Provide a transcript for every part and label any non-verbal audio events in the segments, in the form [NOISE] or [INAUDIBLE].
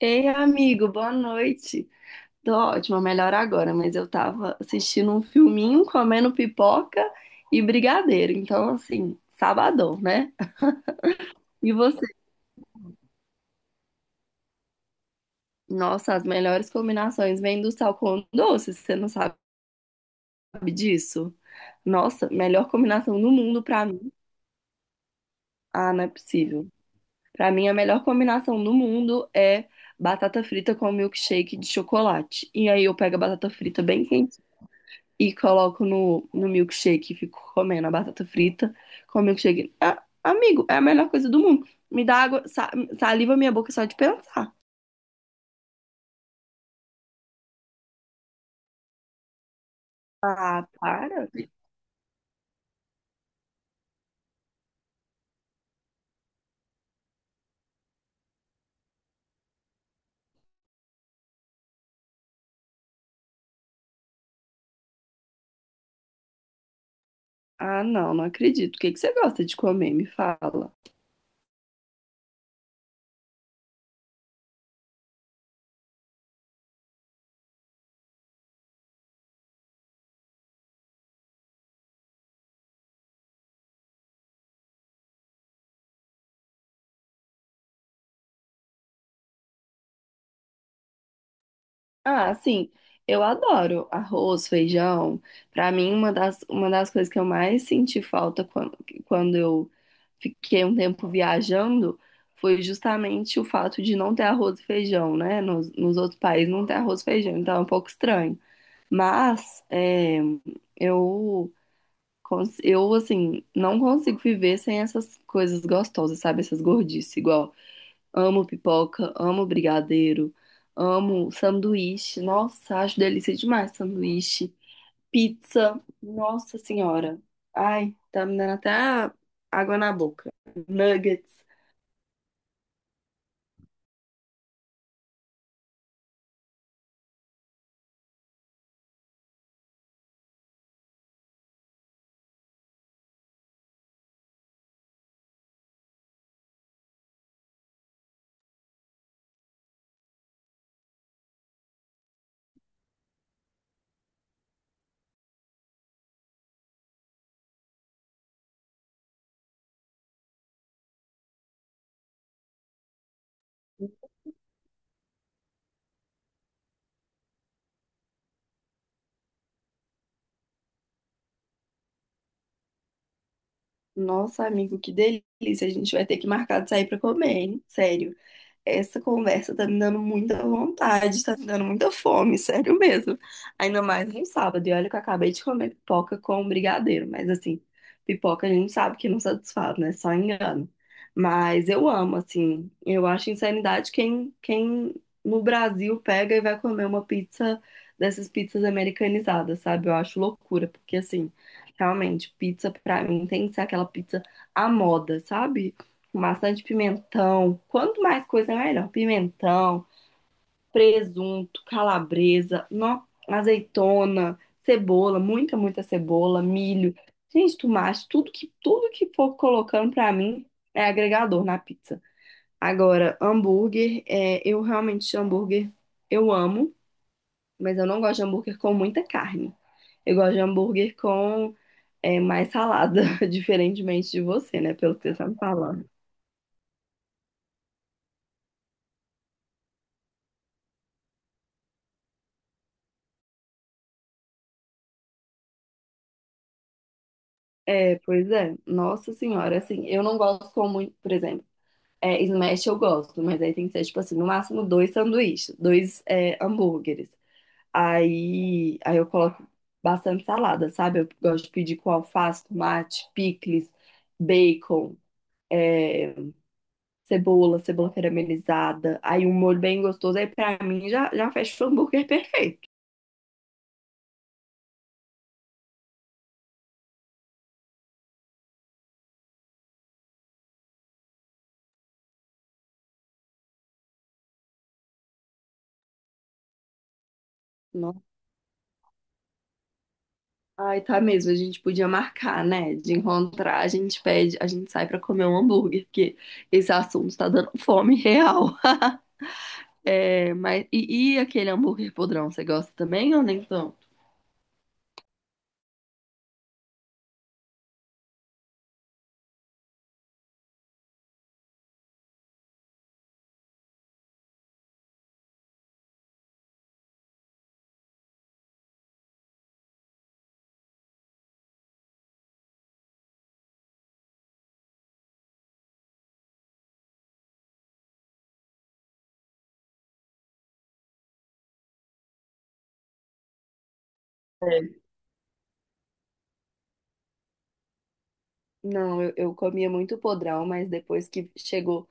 Ei, amigo, boa noite. Tô ótima, melhor agora, mas eu tava assistindo um filminho, comendo pipoca e brigadeiro. Então, assim, sabadão, né? E você? Nossa, as melhores combinações vêm do sal com doce, você não sabe disso? Nossa, melhor combinação do mundo pra mim. Ah, não é possível. Pra mim, a melhor combinação do mundo é batata frita com milkshake de chocolate. E aí eu pego a batata frita bem quente e coloco no milkshake e fico comendo a batata frita com o milkshake. Ah, amigo, é a melhor coisa do mundo. Me dá água, saliva minha boca só de pensar. Ah, para. Ah, não, não acredito. O que que você gosta de comer? Me fala. Ah, sim, eu adoro arroz, feijão. Pra mim, uma das coisas que eu mais senti falta quando eu fiquei um tempo viajando foi justamente o fato de não ter arroz e feijão, né? Nos outros países não tem arroz e feijão, então é um pouco estranho. Mas é, eu, eu, assim, não consigo viver sem essas coisas gostosas, sabe? Essas gordices, igual. Amo pipoca, amo brigadeiro, amo sanduíche. Nossa, acho delícia demais sanduíche. Pizza, nossa senhora. Ai, tá me dando até água na boca. Nuggets. Nossa, amigo, que delícia. A gente vai ter que marcar de sair pra comer, hein? Sério. Essa conversa tá me dando muita vontade, tá me dando muita fome, [LAUGHS] sério mesmo. Ainda mais no sábado. E olha que eu acabei de comer pipoca com brigadeiro, mas assim, pipoca a gente sabe que não satisfaz, né? Só engano. Mas eu amo, assim, eu acho insanidade quem no Brasil pega e vai comer uma pizza dessas pizzas americanizadas, sabe? Eu acho loucura, porque assim, realmente, pizza pra mim tem que ser aquela pizza à moda, sabe? Com maçã de pimentão. Quanto mais coisa, melhor. Pimentão, presunto, calabresa, nó, azeitona, cebola, muita, muita cebola, milho. Gente, tomate, tudo que for colocando pra mim é agregador na pizza. Agora, hambúrguer, eu realmente hambúrguer eu amo, mas eu não gosto de hambúrguer com muita carne. Eu gosto de hambúrguer com mais salada, [LAUGHS] diferentemente de você, né? Pelo que você tá me falando. É, pois é. Nossa senhora, assim, eu não gosto com muito, por exemplo, smash eu gosto, mas aí tem que ser, tipo assim, no máximo dois sanduíches, dois hambúrgueres. Aí eu coloco bastante salada, sabe? Eu gosto de pedir com alface, tomate, picles, bacon, é, cebola, cebola caramelizada. Aí um molho bem gostoso, aí pra mim já fecha o hambúrguer [LAUGHS] perfeito. Ai, tá mesmo. A gente podia marcar, né? De encontrar, a gente pede, a gente sai pra comer um hambúrguer, porque esse assunto tá dando fome real. [LAUGHS] É, mas e aquele hambúrguer podrão, você gosta também ou nem tanto? É. Não, eu comia muito podrão, mas depois que chegou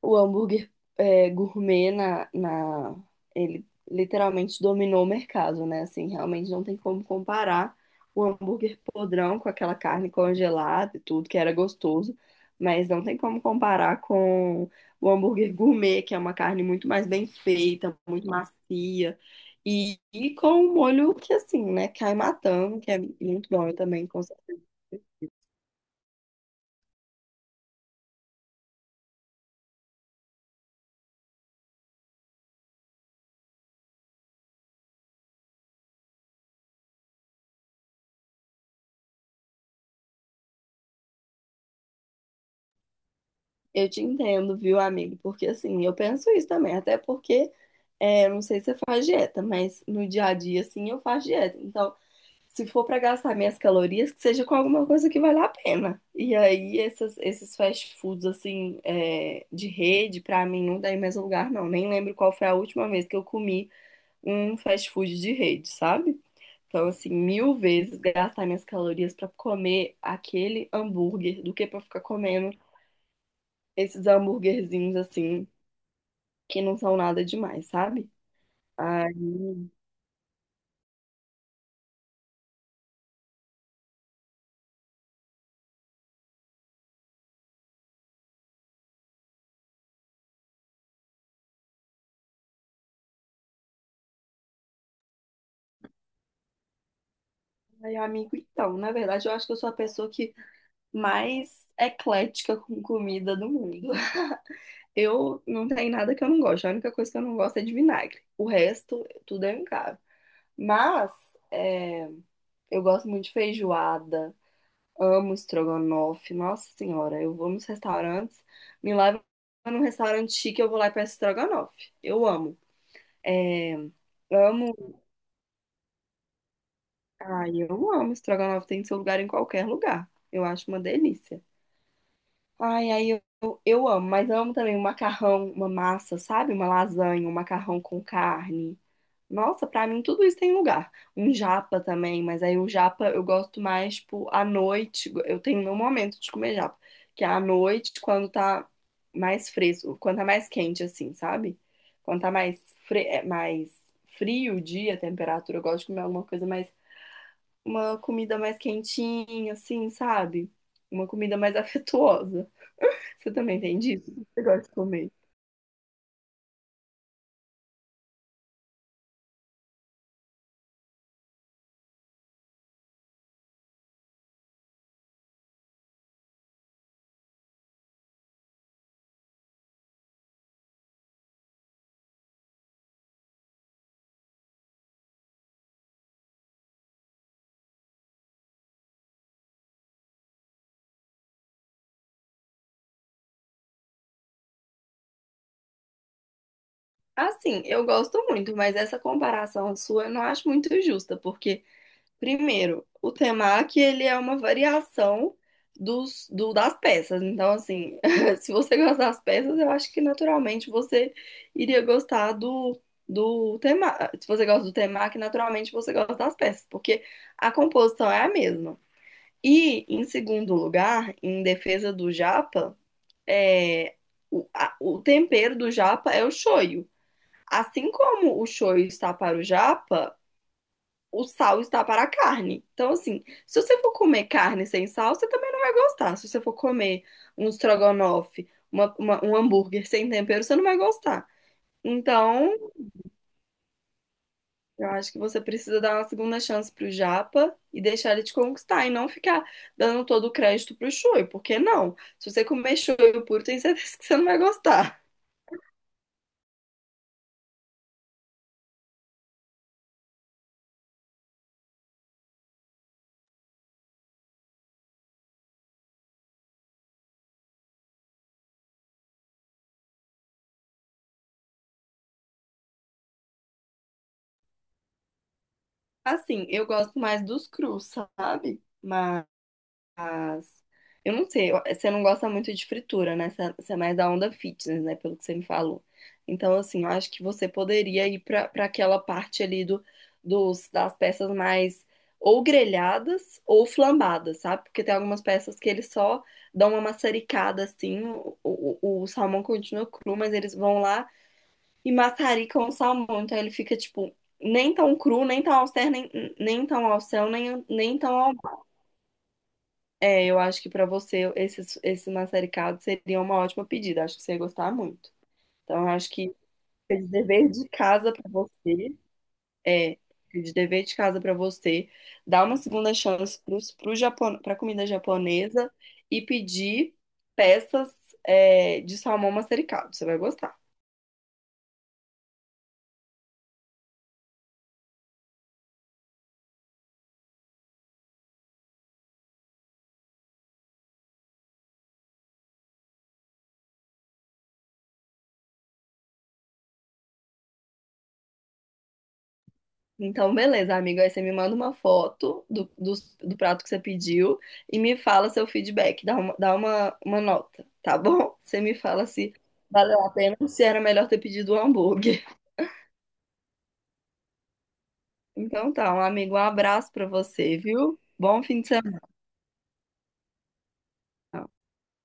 o hambúrguer gourmet ele literalmente dominou o mercado, né? Assim, realmente não tem como comparar o hambúrguer podrão com aquela carne congelada e tudo, que era gostoso, mas não tem como comparar com o hambúrguer gourmet, que é uma carne muito mais bem feita, muito macia, e com um molho que, assim, né, cai matando, que é muito bom, eu também, com certeza. Eu te entendo, viu, amigo? Porque assim, eu penso isso também, até porque É, eu não sei se você faz dieta, mas no dia a dia, assim, eu faço dieta. Então, se for para gastar minhas calorias, que seja com alguma coisa que vale a pena. E aí, esses fast foods, assim, de rede, pra mim, não dá em mais lugar, não. Nem lembro qual foi a última vez que eu comi um fast food de rede, sabe? Então, assim, mil vezes gastar minhas calorias pra comer aquele hambúrguer do que pra ficar comendo esses hambúrguerzinhos, assim, que não são nada demais, sabe? Aí ai, amigo, então, na verdade, eu acho que eu sou a pessoa que mais eclética com comida do mundo. [LAUGHS] Eu não tenho nada que eu não gosto. A única coisa que eu não gosto é de vinagre. O resto, tudo é caro. Mas é, eu gosto muito de feijoada, amo estrogonofe. Nossa senhora, eu vou nos restaurantes, me levo num restaurante chique, eu vou lá e peço estrogonofe. Eu amo. Amo. Ai, eu amo estrogonofe. Tem seu lugar em qualquer lugar. Eu acho uma delícia. Ai, aí eu amo, mas amo também um macarrão, uma massa, sabe? Uma lasanha, um macarrão com carne. Nossa, pra mim tudo isso tem lugar. Um japa também, mas aí o japa eu gosto mais, tipo, à noite. Eu tenho meu momento de comer japa, que é à noite, quando tá mais fresco, quando tá mais quente, assim, sabe? Quando tá mais, mais frio o dia, a temperatura, eu gosto de comer alguma coisa mais, uma comida mais quentinha, assim, sabe? Uma comida mais [LAUGHS] afetuosa. Você também tem disso? Você gosta de comer? Assim, eu gosto muito, mas essa comparação sua eu não acho muito justa, porque, primeiro, o temaki, ele é uma variação das peças. Então, assim, [LAUGHS] se você gosta das peças, eu acho que naturalmente você iria gostar do temaki. Se você gosta do temaki, naturalmente você gosta das peças, porque a composição é a mesma. E, em segundo lugar, em defesa do japa. é, o tempero do japa é o shoyu. Assim como o shoyu está para o japa, o sal está para a carne. Então, assim, se você for comer carne sem sal, você também não vai gostar. Se você for comer um estrogonofe, um hambúrguer sem tempero, você não vai gostar. Então, eu acho que você precisa dar uma segunda chance pro japa e deixar ele te conquistar e não ficar dando todo o crédito pro shoyu, porque não? Se você comer shoyu puro, tem certeza [LAUGHS] que você não vai gostar. Assim, eu gosto mais dos crus, sabe? Mas eu não sei, você não gosta muito de fritura, né? Você é mais da onda fitness, né? Pelo que você me falou. Então, assim, eu acho que você poderia ir para aquela parte ali das peças mais ou grelhadas ou flambadas, sabe? Porque tem algumas peças que eles só dão uma maçaricada assim, o salmão continua cru, mas eles vão lá. E maçari com salmão. Então ele fica, tipo, nem tão cru, nem tão ao céu, nem tão ao bé. Eu acho que pra você esse maçaricado seria uma ótima pedida. Acho que você ia gostar muito. Então eu acho que fica de dever de casa pra você. É, fica de dever de casa pra você. Dar uma segunda chance pro Japão, pra comida japonesa e pedir peças, de salmão maçaricado. Você vai gostar. Então, beleza, amigo. Aí você me manda uma foto do prato que você pediu e me fala seu feedback. Uma nota, tá bom? [LAUGHS] Você me fala se valeu a pena ou se era melhor ter pedido um hambúrguer. [LAUGHS] Então tá, um amigo, um abraço pra você, viu? Bom fim de semana.